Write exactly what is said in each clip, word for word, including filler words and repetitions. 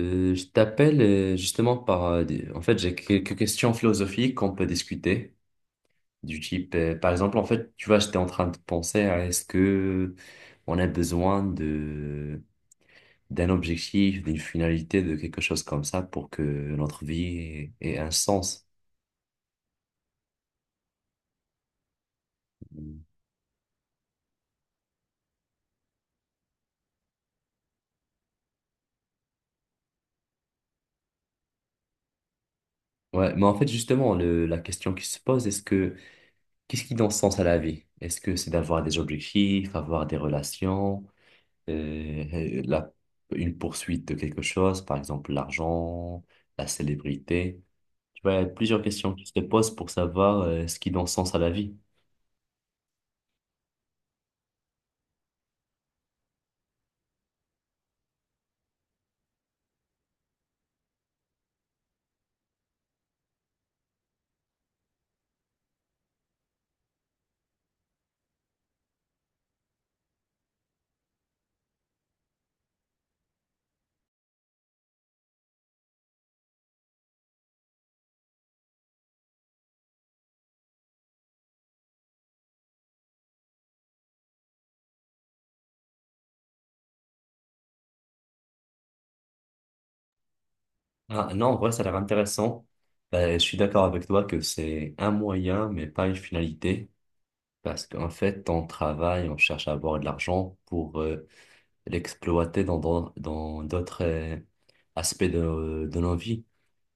Euh, je t'appelle euh, justement par... euh, des- En fait, j'ai quelques questions philosophiques qu'on peut discuter, du type, euh, par exemple, en fait, tu vois, j'étais en train de penser à est-ce que on a besoin de d'un objectif, d'une finalité, de quelque chose comme ça pour que notre vie ait, ait un sens. Ouais, mais en fait, justement, le, la question qui se pose, est-ce que qu'est-ce qui donne sens à la vie? Est-ce que c'est d'avoir des objectifs, avoir des relations? euh, la- une poursuite de quelque chose, par exemple l'argent, la célébrité. Tu vois, il y a plusieurs questions qui se posent pour savoir euh, ce qui donne sens à la vie. Ah, non, en vrai, ça a l'air intéressant. Euh, je suis d'accord avec toi que c'est un moyen, mais pas une finalité. Parce qu'en fait, on travaille, on cherche à avoir de l'argent pour euh, l'exploiter dans, dans, dans d'autres euh, aspects de, de nos vies.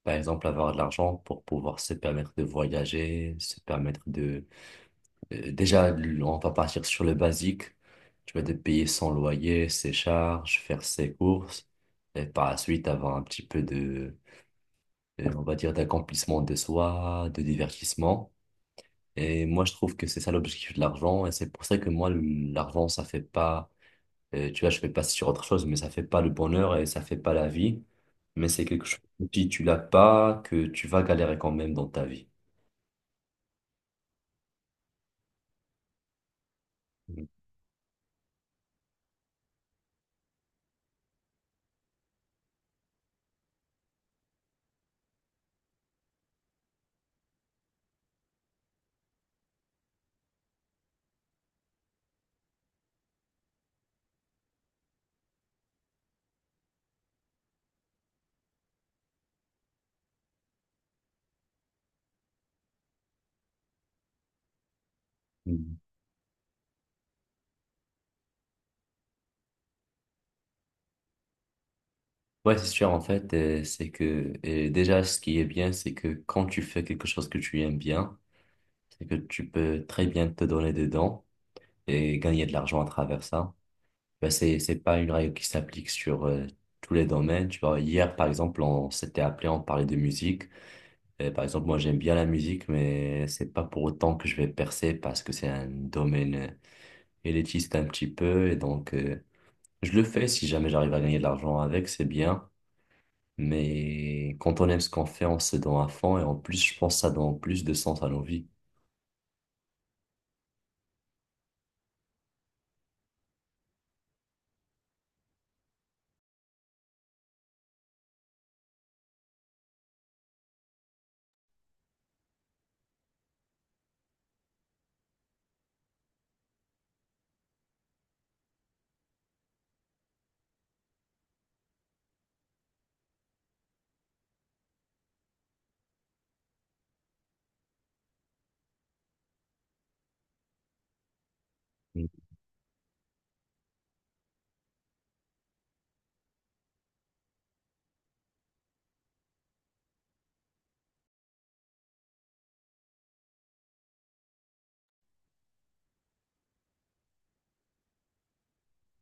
Par exemple, avoir de l'argent pour pouvoir se permettre de voyager, se permettre de Euh, Déjà, l- on va partir sur le basique. Tu vas te payer son loyer, ses charges, faire ses courses, et par la suite avoir un petit peu de, euh, on va dire, d'accomplissement de soi, de divertissement. Et moi, je trouve que c'est ça l'objectif de l'argent, et c'est pour ça que moi, l- l'argent, ça fait pas, euh, tu vois, je fais pas sur autre chose, mais ça fait pas le bonheur et ça fait pas la vie. Mais c'est quelque chose que si tu l'as pas, que tu vas galérer quand même dans ta vie. Ouais, c'est sûr, en fait, euh, c'est que euh, déjà, ce qui est bien, c'est que quand tu fais quelque chose que tu aimes bien, c'est que tu peux très bien te donner dedans et gagner de l'argent à travers ça. Ben, c'est, c'est pas une règle qui s'applique sur euh, tous les domaines. Tu vois, hier, par exemple, on s'était appelé, on parlait de musique. Euh, par exemple, moi, j'aime bien la musique, mais c'est pas pour autant que je vais percer parce que c'est un domaine euh, élitiste un petit peu. Et donc, euh, je le fais si jamais j'arrive à gagner de l'argent avec, c'est bien. Mais quand on aime ce qu'on fait, on se donne à fond et en plus, je pense que ça donne plus de sens à nos vies. Mm.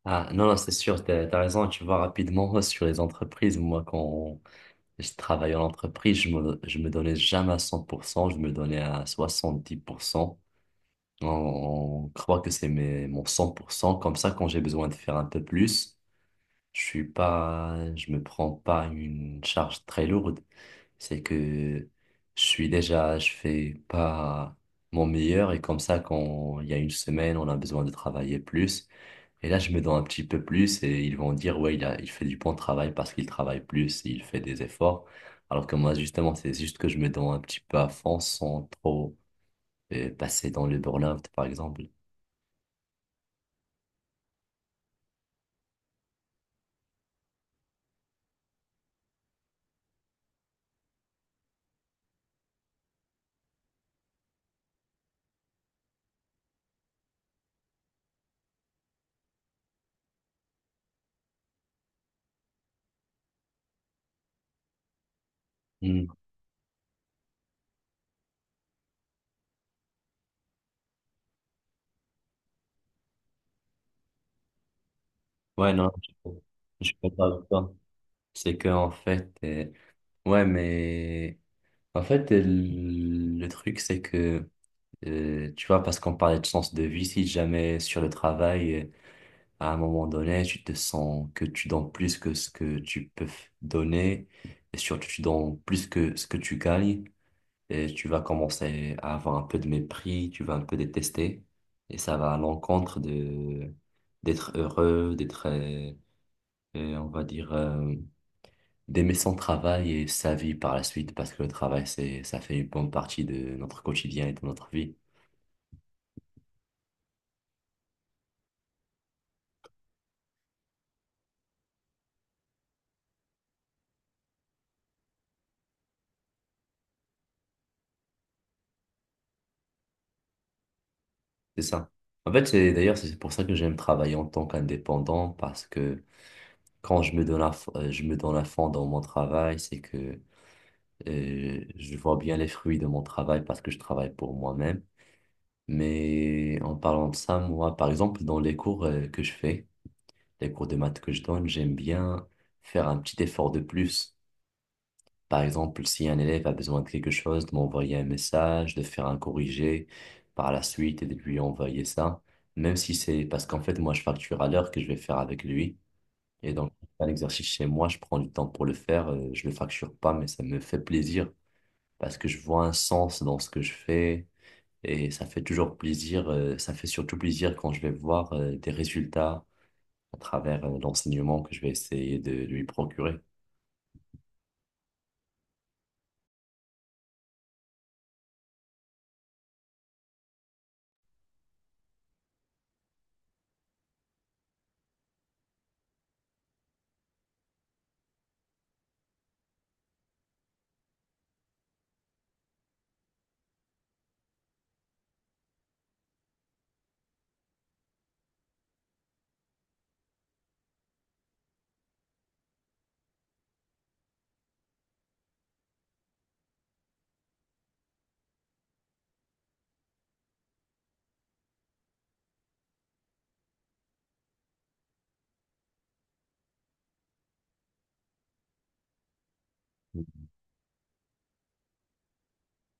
Ah non, non, c'est sûr, t'as, t'as raison, tu vois, rapidement sur les entreprises, moi quand je travaillais en entreprise, je me, je me donnais jamais à cent pour cent. Je me donnais à soixante-dix pour cent. On, on croit que c'est mes, mon cent pour cent comme ça quand j'ai besoin de faire un peu plus, je suis pas, je me prends pas une charge très lourde. C'est que je suis déjà, je fais pas mon meilleur et comme ça, quand il y a une semaine, on a besoin de travailler plus. Et là, je me donne un petit peu plus et ils vont dire, ouais, il a, il fait du bon travail parce qu'il travaille plus, il fait des efforts. Alors que moi, justement, c'est juste que je me donne un petit peu à fond sans trop euh, passer dans le burn-out, par exemple. Hmm. Ouais, non, je je peux pas avec toi. C'est que, en fait, euh, ouais, mais en fait, euh, le truc, c'est que Euh, tu vois, parce qu'on parlait de sens de vie, si jamais sur le travail, euh, à un moment donné, tu te sens que tu donnes plus que ce que tu peux f- donner, et surtout tu donnes plus que ce que tu gagnes, et tu vas commencer à avoir un peu de mépris, tu vas un peu détester, et ça va à l'encontre de d'être heureux, d'être, euh, euh, on va dire, euh, d'aimer son travail et sa vie par la suite, parce que le travail, c'est, ça fait une bonne partie de notre quotidien et de notre vie. C'est ça. En fait, c'est d'ailleurs c'est pour ça que j'aime travailler en tant qu'indépendant parce que quand je me donne à, f- euh, je me donne à fond dans mon travail, c'est que euh, je vois bien les fruits de mon travail parce que je travaille pour moi-même. Mais en parlant de ça, moi, par exemple, dans les cours euh, que je fais, les cours de maths que je donne, j'aime bien faire un petit effort de plus. Par exemple, si un élève a besoin de quelque chose, de m'envoyer un message, de faire un corrigé par la suite et de lui envoyer ça, même si c'est parce qu'en fait, moi, je facture à l'heure que je vais faire avec lui. Et donc, un exercice chez moi, je prends du temps pour le faire, euh, je le facture pas, mais ça me fait plaisir parce que je vois un sens dans ce que je fais et ça fait toujours plaisir, euh, ça fait surtout plaisir quand je vais voir, euh, des résultats à travers, euh, l'enseignement que je vais essayer de lui procurer.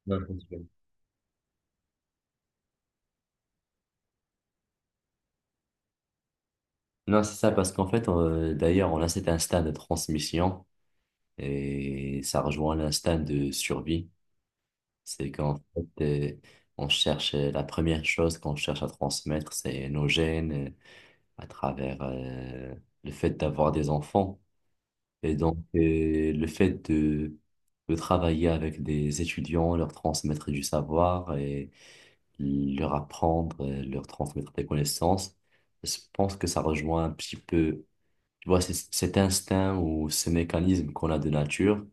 Ouais, je pense. Non, c'est ça, parce qu'en fait, euh, d'ailleurs, on a cet instinct de transmission et ça rejoint l'instinct de survie. C'est qu'en fait, euh, on cherche euh, la première chose qu'on cherche à transmettre, c'est nos gènes euh, à travers euh, le fait d'avoir des enfants. Et donc, euh, le fait de, de travailler avec des étudiants, leur transmettre du savoir et leur apprendre, euh, leur transmettre des connaissances, je pense que ça rejoint un petit peu. Tu vois, c'est cet instinct ou ce mécanisme qu'on a de nature.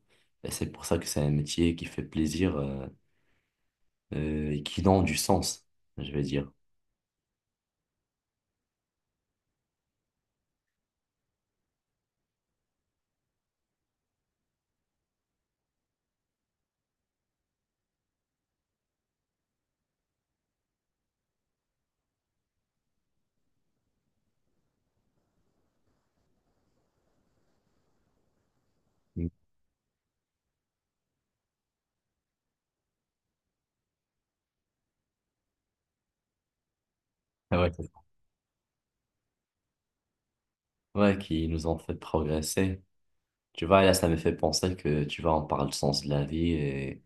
Et c'est pour ça que c'est un métier qui fait plaisir euh, euh, et qui donne du sens, je vais dire. Mm. Ah Ouais, c'est- ça. Ouais, qui nous ont fait progresser. Tu vois, là, ça me fait penser que, tu vois, on parle du sens de la vie et,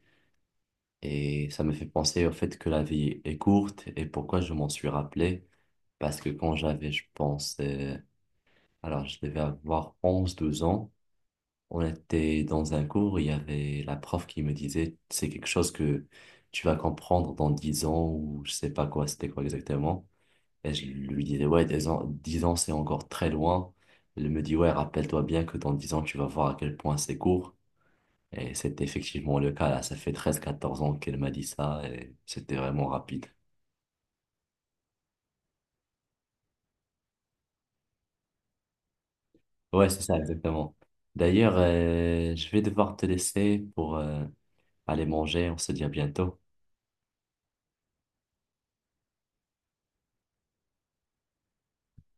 et ça me fait penser au fait que la vie est courte et pourquoi je m'en suis rappelé. Parce que quand j'avais, je pense, euh, alors je devais avoir onze douze ans, On était dans un cours, il y avait la prof qui me disait, c'est quelque chose que tu vas comprendre dans dix ans ou je sais pas quoi, c'était quoi exactement. Et je lui disais, ouais, dix ans, dix ans, c'est encore très loin. Elle me dit, ouais, rappelle-toi bien que dans dix ans, tu vas voir à quel point c'est court. Et c'était effectivement le cas, là, ça fait treize quatorze ans qu'elle m'a dit ça et c'était vraiment rapide. Ouais, c'est ça, exactement. D'ailleurs, euh, je vais devoir te laisser pour euh, aller manger, on se dit à bientôt.